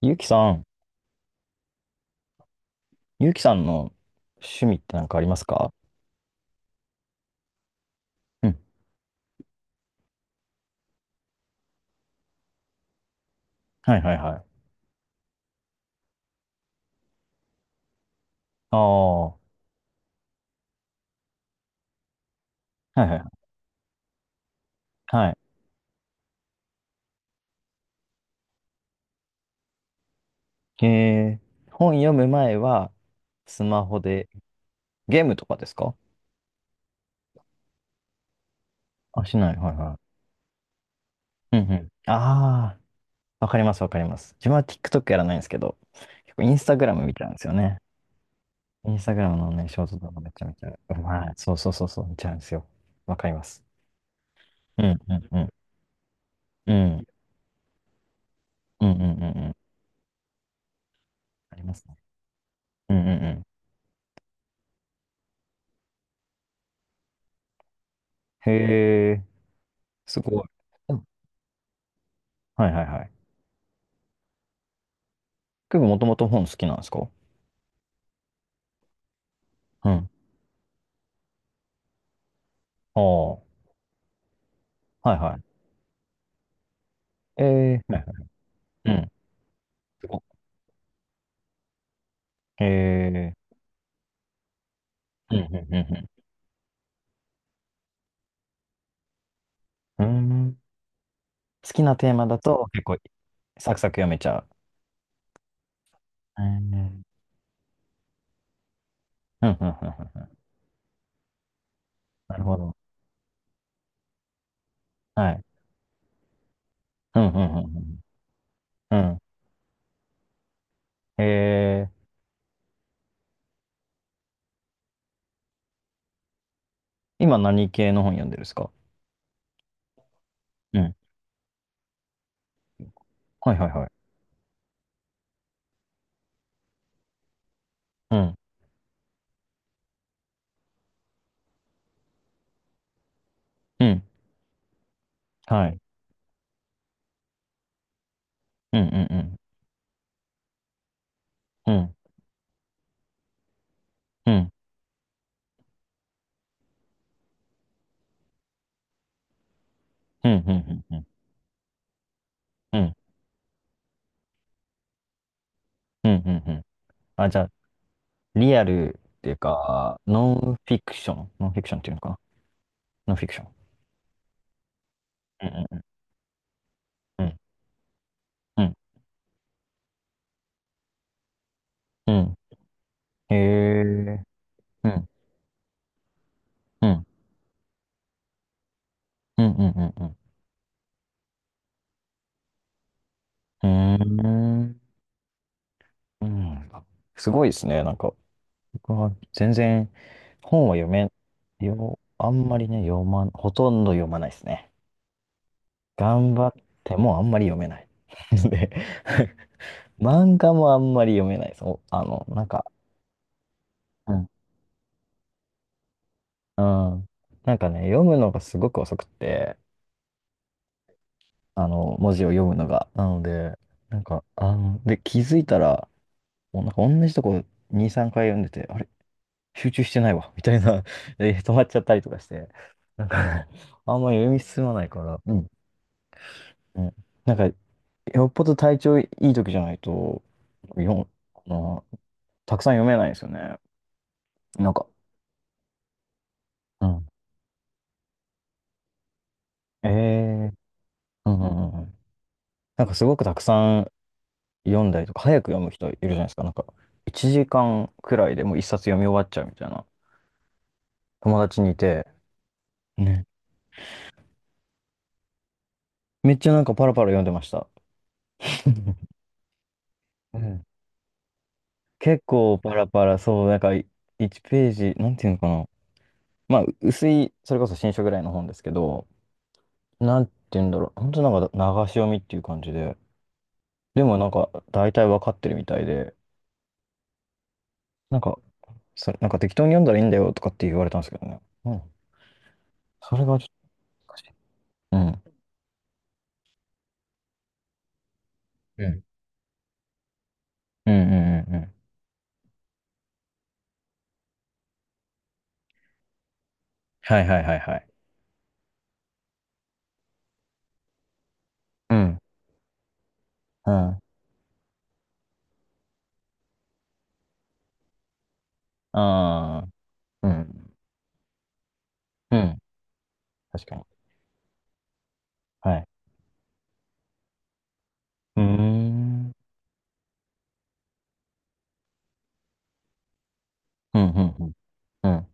ゆうきさん、ゆうきさんの趣味って何かありますか？うん。はいはいはい。ああ、はいはいはい。はい。えー、本読む前は、スマホで、ゲームとかですか？あ、しない。はいはい。うんうん。ああ、わかりますわかります。自分は TikTok やらないんですけど、結構インスタグラム見ちゃうんですよね。インスタグラムのね、ショート動画めちゃめちゃ、うまい。そうそうそうそう、見ちゃうんですよ。わかります。うんうんうん。うん。うんうんうんうん。ありますね。うんうんうん。へえ。すごい。うんはいはいはい。結構もともと本好きなんですか？うん。ああ、はいはい。えー、はいはい。うん。すごい。えー、うんうんうんうん。うーん。好きなテーマだと結構サクサク読めちゃう。うん。うんうんうんうんうんなるほど。はい。うんうんうんうん。うん。えー、今何系の本読んでるんですか？うん。はいはいはい。うん。うん。はい。うんうんうん。うん。うん。うんうんうんうん。うんうんうんうん。あ、じゃあ、リアルっていうか、ノンフィクション、ノンフィクションっていうのかな？ノンフィクション。うんうんうん。うん。うん。へえ。うん。うん。うんうんうんうん。うーん。うん。すごいですね。なんか、僕は全然本は読め、よ、あんまりね、読まん、ほとんど読まないですね。頑張ってもあんまり読めない。で、漫画もあんまり読めないです。おあの、なんか、うん。うんなんかね、読むのがすごく遅くって、あの、文字を読むのが。なので、なんか、あの、で、気づいたら、もうなんか同じとこ2、3回読んでて、あれ集中してないわ、みたいな、え止まっちゃったりとかして、なんかね、あんまり読み進まないから、うん、うん。なんか、よっぽど体調いい時じゃないと、読む、あの、たくさん読めないんですよね。なんか、うん。えーうんうんうんうん。なんかすごくたくさん読んだりとか、早く読む人いるじゃないですか。なんか、1時間くらいでもう1冊読み終わっちゃうみたいな。友達にいて、ね。めっちゃなんかパラパラ読んでました。うん結構パラパラ、そう、なんかい1ページ、なんていうのかな。まあ、う薄い、それこそ新書ぐらいの本ですけど、なんていうんだろう。本当なんか流し読みっていう感じで、でもなんか大体わかってるみたいで、なんか、それ、なんか適当に読んだらいいんだよとかって言われたんですけどね。うん。それがちょっと難しい。うん。うんうんうんうんうん。はいはいはいはい。うん。うん。ああ。うん。うん。確かに。はい。うーん。うん、うん、うん、うん。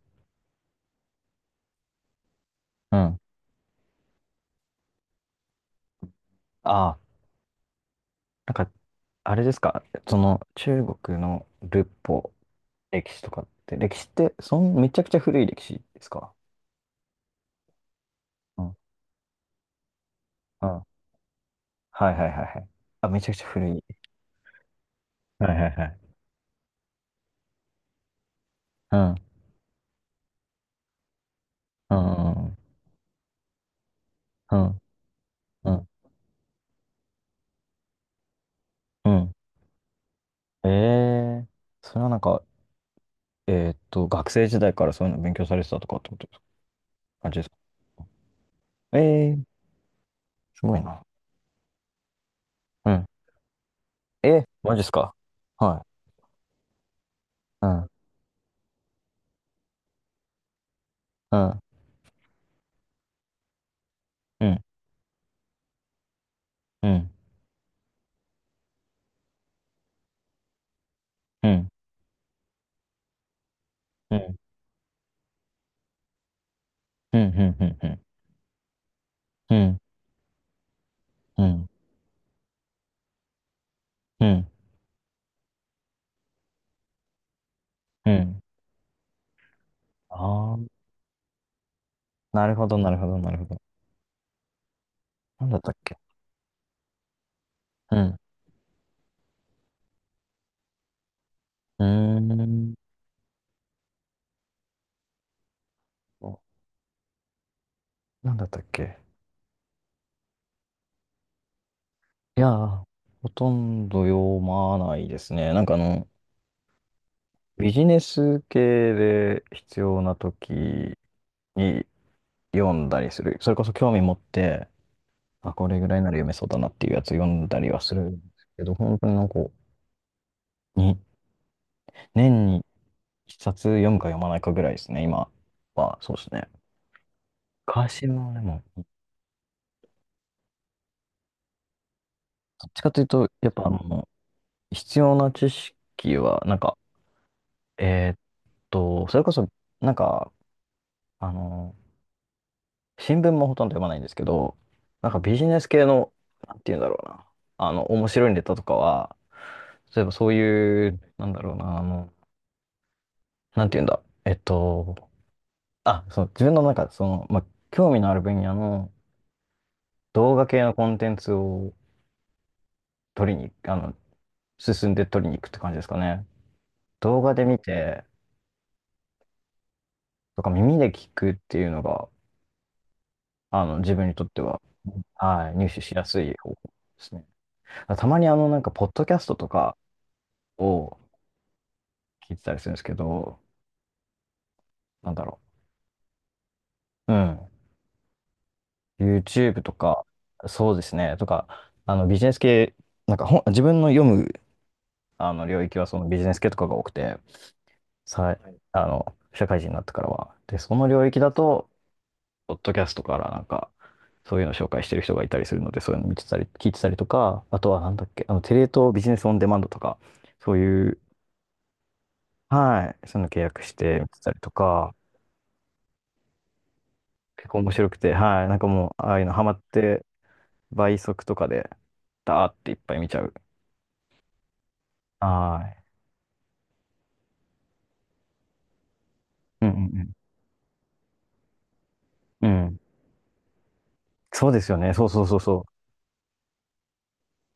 うんああ、なんか、あれですか、その、中国の仏法、歴史とかって、歴史って、そん、めちゃくちゃ古い歴史ですか？うん、うん。はいはいはいはい。あ、めちゃくちゃ古い。はいはいはい。うん、うん、うん、うん、うん。うんええー、それはなんか、えーっと、学生時代からそういうの勉強されてたとかってことですか？感じですか？ええー、すごいな。うん。えー、マジですか？はい。うん、うん、うん。うん、うん、うん、うん、うん、うん、うん、うん、うん、うん。ああ、なるほど、なるほど、なるほど。なんだったっけ？うん、うーん、おなんだったっけ？いやー、ほとんど読まないですね。なんかあの、ビジネス系で必要な時に読んだりする。それこそ興味持って、あ、これぐらいなら読めそうだなっていうやつ読んだりはするんですけど、本当になんか、に、年1冊読むか読まないかぐらいですね、今は。そうですね。昔はでも、どっちかというと、やっぱあの、必要な知識は、なんか、えーっと、それこそ、なんか、あの、新聞もほとんど読まないんですけど、なんかビジネス系の、なんていうんだろうな、あの、面白いネタとかは、例えばそういう、なんだろうな、あの、なんていうんだ、えっと、あ、そう、自分の中で、その、まあ、興味のある分野の動画系のコンテンツを取りに、あの、進んで取りに行くって感じですかね。動画で見て、とか耳で聞くっていうのが、あの、自分にとっては、はい、入手しやすい方法ですね。たまにあの、なんか、ポッドキャストとかを聞いてたりするんですけど、なんだろう。うん。YouTube とか、そうですね。とか、あの、ビジネス系、なんか本、自分の読む、あの、領域はそのビジネス系とかが多くて、さい、あの、社会人になってからは。で、その領域だと、ポッドキャストからなんか、そういうのを紹介してる人がいたりするので、そういうの見てたり、聞いてたりとか、あとはなんだっけ、あの、テレ東ビジネスオンデマンドとか、そういう、はい、そういうの契約して見てたりとか、結構面白くて、はい、なんかもう、ああいうのハマって、倍速とかで、ダーっていっぱい見ちゃう。はい。うんうんうん。うん。そうですよね。そうそうそうそう。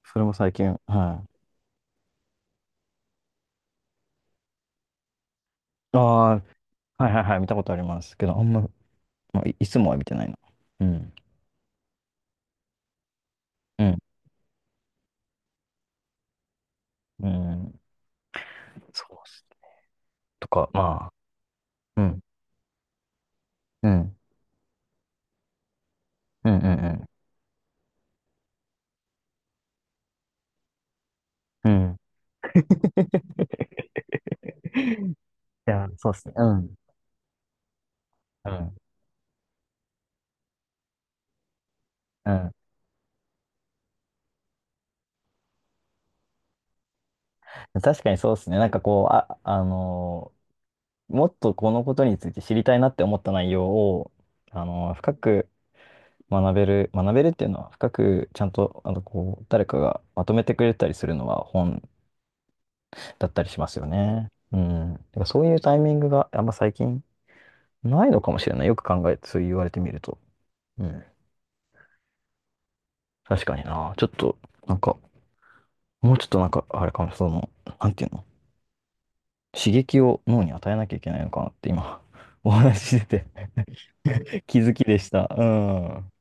それも最近、はい。ああ、はいはいはい、見たことありますけど、あんま、まあ、い、いつもは見てないな。うん。うん。うん。そうっすとか、まあうん、うん、うん、うん、うん。うん。いや、そうですね。うん、うん。うん、うん。確かにそうですね。なんかこう、あ、あのーもっとこのことについて知りたいなって思った内容を、あのー深く学べる、学べるっていうのは、深くちゃんと、あの、こう、誰かがまとめてくれたりするのは本だったりしますよね。うん。だからそういうタイミングがあんま最近ないのかもしれない。よく考えて、そう言われてみると。うん確かにな。ちょっと、なんか、もうちょっとなんか、あれかも、その、なんていうの、刺激を脳に与えなきゃいけないのかなって今、お話ししてて 気づきでした。うん。